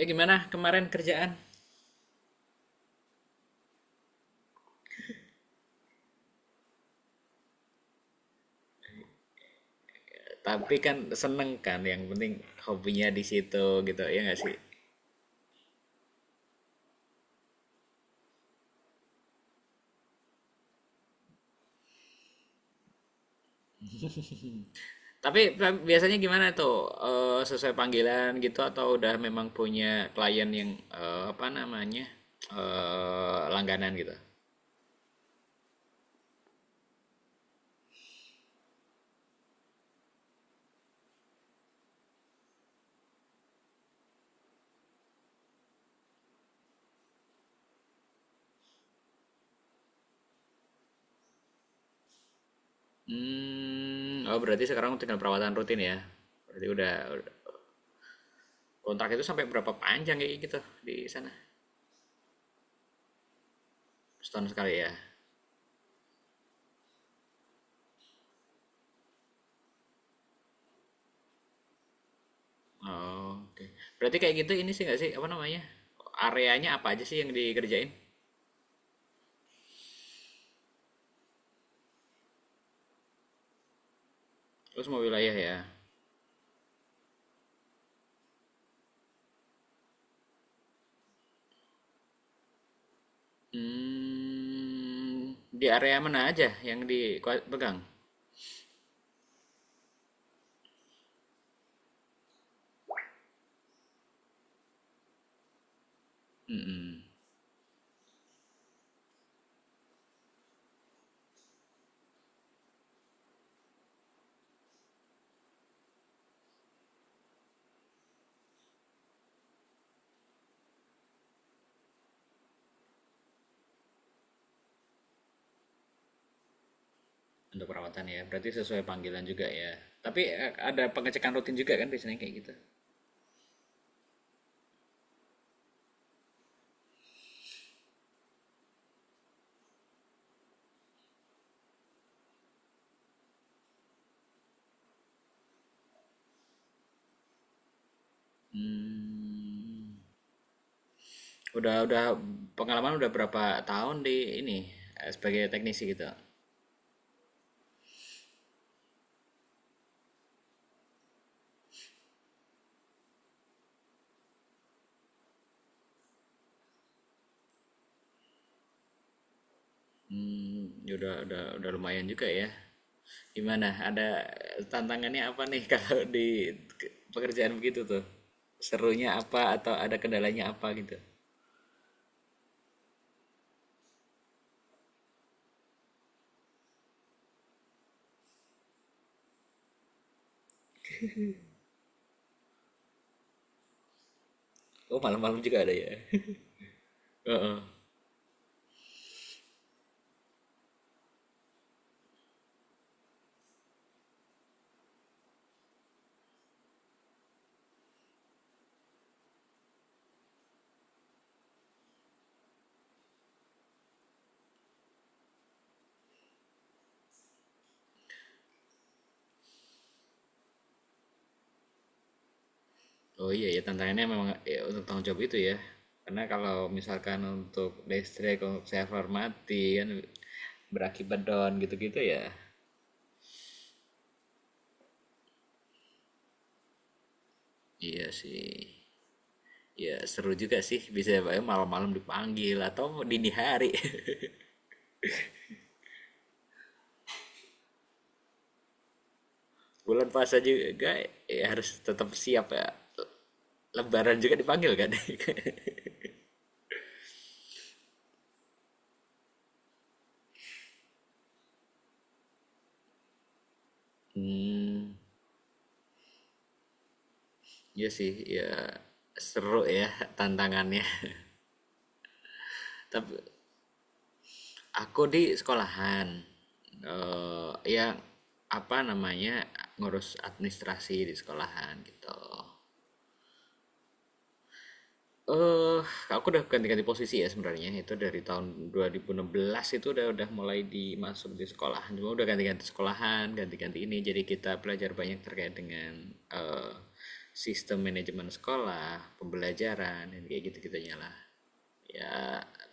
Gimana kemarin kerjaan? Tapi kan seneng kan yang penting hobinya di situ gitu ya nggak sih? Tapi biasanya gimana tuh. Sesuai panggilan gitu atau udah memang punya klien yang apa namanya langganan gitu? Hmm, oh berarti sekarang tinggal perawatan rutin ya? Berarti kontrak itu sampai berapa panjang kayak gitu di sana? Setahun sekali ya? Oh, oke. Berarti kayak gitu ini sih nggak sih apa namanya? Areanya apa aja sih yang dikerjain? Terus semua wilayah ya. Hmm, di area mana aja yang dipegang untuk perawatan ya? Berarti sesuai panggilan juga ya. Tapi ada pengecekan rutin juga kan biasanya kayak gitu. Udah pengalaman udah berapa tahun di ini sebagai teknisi gitu. Hmm, ya udah lumayan juga ya. Gimana? Ada tantangannya apa nih kalau di pekerjaan begitu tuh? Serunya apa atau ada kendalanya apa gitu? Oh, malam-malam juga ada ya. Heeh. Oh iya ya tantangannya memang ya, untuk tanggung jawab itu ya. Karena kalau misalkan untuk listrik, untuk server mati kan berakibat down gitu-gitu ya. Iya sih. Ya seru juga sih bisa ya, malam-malam dipanggil atau dini hari. Bulan puasa juga ya harus tetap siap ya. Lebaran juga dipanggil kan. Hmm, iya sih ya seru ya tantangannya. Tapi aku di sekolahan, ya apa namanya ngurus administrasi di sekolahan gitu. Eh, aku udah ganti-ganti posisi ya sebenarnya. Itu dari tahun 2016 itu udah mulai dimasuk di sekolahan. Cuma udah ganti-ganti sekolahan, ganti-ganti ini. Jadi kita belajar banyak terkait dengan sistem manajemen sekolah, pembelajaran, dan kayak gitu-gitunya lah. Ya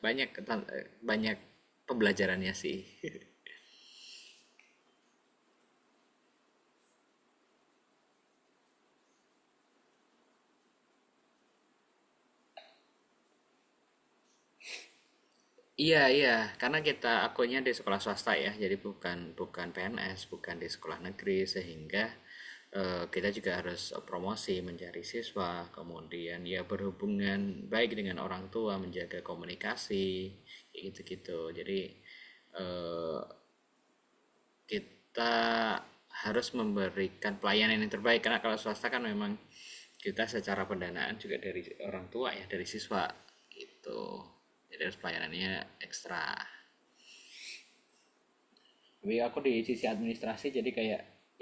banyak pembelajarannya sih. Iya, iya, karena kita akunya di sekolah swasta ya, jadi bukan bukan PNS, bukan di sekolah negeri, sehingga kita juga harus promosi mencari siswa, kemudian ya berhubungan baik dengan orang tua, menjaga komunikasi, kayak gitu-gitu. Jadi eh, kita harus memberikan pelayanan yang terbaik, karena kalau swasta kan memang kita secara pendanaan juga dari orang tua ya, dari siswa gitu. Jadi harus pelayanannya ekstra. Tapi aku di sisi administrasi jadi kayak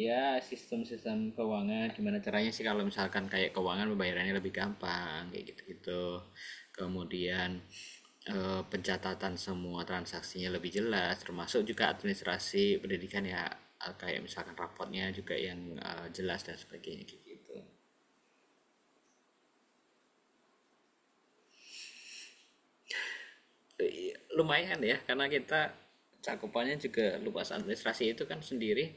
ya sistem-sistem keuangan gimana caranya sih kalau misalkan kayak keuangan pembayarannya lebih gampang kayak gitu-gitu kemudian pencatatan semua transaksinya lebih jelas termasuk juga administrasi pendidikan ya kayak misalkan raportnya juga yang jelas dan sebagainya gitu. Lumayan ya karena kita cakupannya juga luas administrasi itu kan sendiri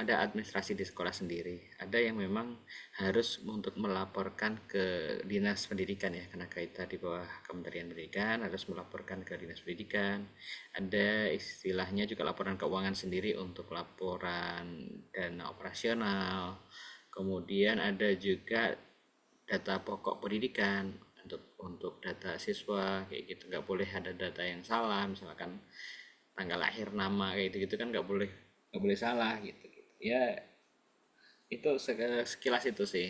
ada administrasi di sekolah sendiri ada yang memang harus untuk melaporkan ke dinas pendidikan ya karena kita di bawah Kementerian Pendidikan harus melaporkan ke dinas pendidikan. Ada istilahnya juga laporan keuangan sendiri untuk laporan dana operasional kemudian ada juga data pokok pendidikan untuk data siswa kayak gitu nggak boleh ada data yang salah misalkan tanggal lahir nama kayak gitu gitu kan nggak boleh salah gitu, gitu. Ya itu sekilas itu sih.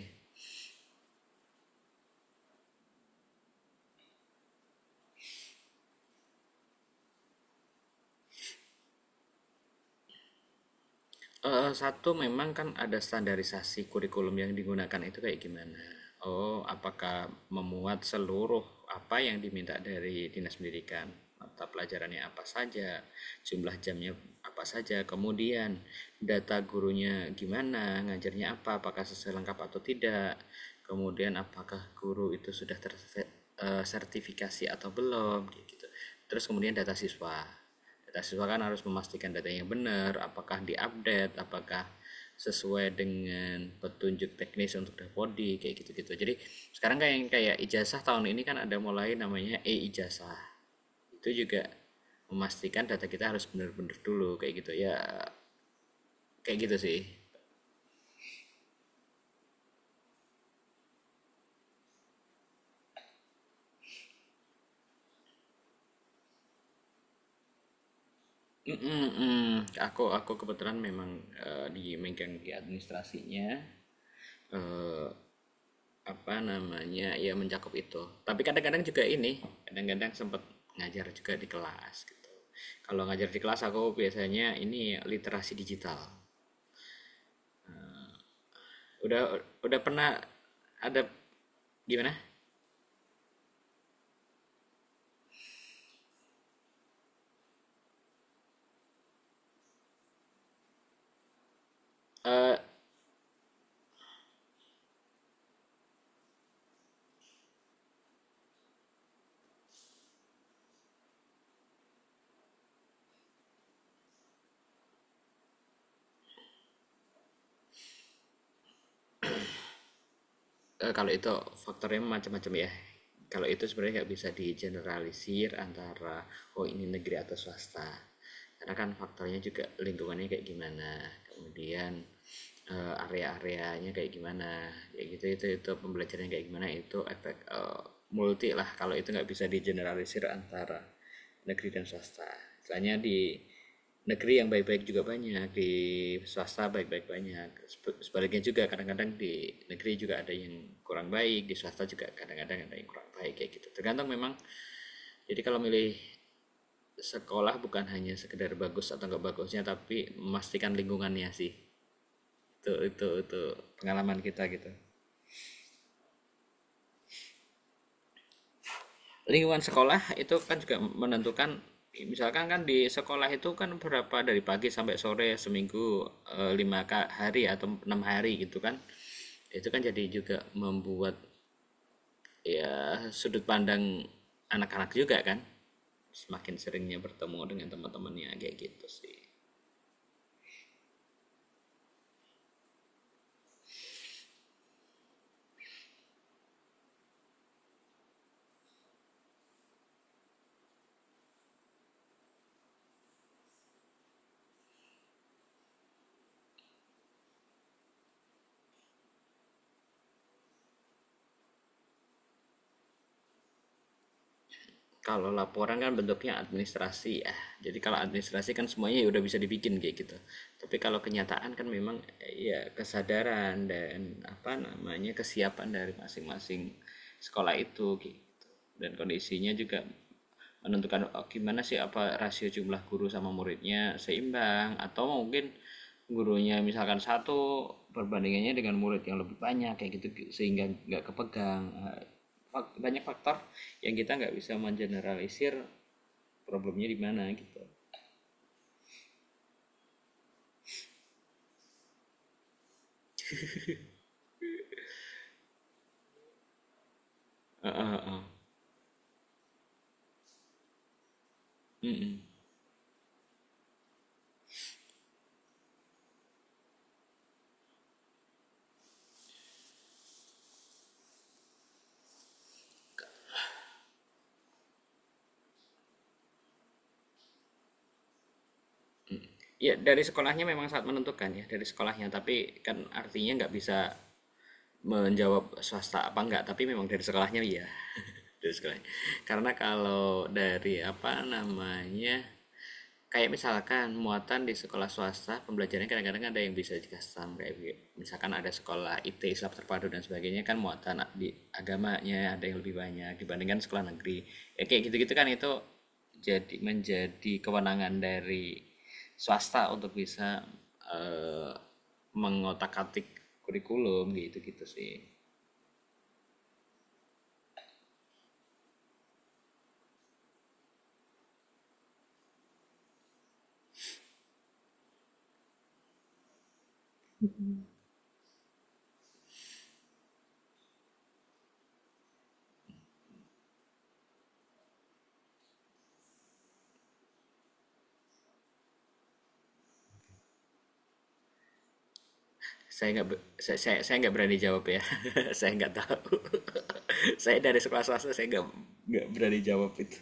Satu memang kan ada standarisasi kurikulum yang digunakan itu kayak gimana, oh apakah memuat seluruh apa yang diminta dari dinas pendidikan, mata pelajarannya apa saja, jumlah jamnya apa saja, kemudian data gurunya gimana, ngajarnya apa, apakah sesuai lengkap atau tidak, kemudian apakah guru itu sudah tersertifikasi atau belum, gitu. Terus kemudian data siswa. Data siswa kan harus memastikan datanya benar, apakah diupdate, apakah sesuai dengan petunjuk teknis untuk Davodi kayak gitu-gitu. Jadi sekarang kayak kayak ijazah tahun ini kan ada mulai namanya e-ijazah itu juga memastikan data kita harus bener-bener dulu kayak gitu ya kayak gitu sih. Mm, mm, mm. Aku kebetulan memang di megang di administrasinya eh, apa namanya ya mencakup itu tapi kadang-kadang juga ini kadang-kadang sempat ngajar juga di kelas gitu kalau ngajar di kelas aku biasanya ini literasi digital udah pernah ada gimana. Kalau itu faktornya macam-macam ya. Kalau itu sebenarnya nggak bisa digeneralisir antara oh ini negeri atau swasta. Karena kan faktornya juga lingkungannya kayak gimana, kemudian area-areanya kayak gimana, kayak gitu itu pembelajarannya kayak gimana itu efek multi lah. Kalau itu nggak bisa digeneralisir antara negeri dan swasta. Misalnya di negeri yang baik-baik juga banyak, di swasta baik-baik banyak. Sebaliknya juga kadang-kadang di negeri juga ada yang kurang baik, di swasta juga kadang-kadang ada yang kurang baik kayak gitu. Tergantung memang. Jadi kalau milih sekolah bukan hanya sekedar bagus atau nggak bagusnya, tapi memastikan lingkungannya sih. Itu pengalaman kita gitu. Lingkungan sekolah itu kan juga menentukan, misalkan kan di sekolah itu kan berapa dari pagi sampai sore seminggu 5 hari atau 6 hari gitu kan, itu kan jadi juga membuat ya sudut pandang anak-anak juga kan, semakin seringnya bertemu dengan teman-temannya kayak gitu sih. Kalau laporan kan bentuknya administrasi ya. Jadi kalau administrasi kan semuanya ya udah bisa dibikin kayak gitu. Tapi kalau kenyataan kan memang ya kesadaran dan apa namanya kesiapan dari masing-masing sekolah itu gitu. Dan kondisinya juga menentukan oh, gimana sih apa rasio jumlah guru sama muridnya seimbang atau mungkin gurunya misalkan satu perbandingannya dengan murid yang lebih banyak kayak gitu sehingga nggak kepegang. Banyak faktor yang kita nggak bisa mengeneralisir problemnya di mana gitu. Heeh, heeh. Ya dari sekolahnya memang sangat menentukan ya dari sekolahnya tapi kan artinya nggak bisa menjawab swasta apa enggak tapi memang dari sekolahnya iya. Dari sekolahnya karena kalau dari apa namanya kayak misalkan muatan di sekolah swasta pembelajarannya kadang-kadang ada yang bisa di custom kayak misalkan ada sekolah IT Islam terpadu dan sebagainya kan muatan di agamanya ada yang lebih banyak dibandingkan sekolah negeri ya kayak gitu-gitu kan itu jadi menjadi kewenangan dari swasta untuk bisa eh, mengotak-atik kurikulum gitu gitu sih. Saya nggak saya nggak berani jawab ya. Saya nggak tahu. Saya dari sekolah swasta saya nggak berani jawab itu.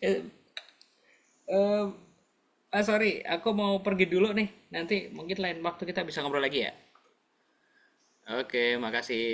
Eh, em, ah, sorry aku mau pergi dulu nih, nanti mungkin lain waktu kita bisa ngobrol lagi ya. Oke, makasih.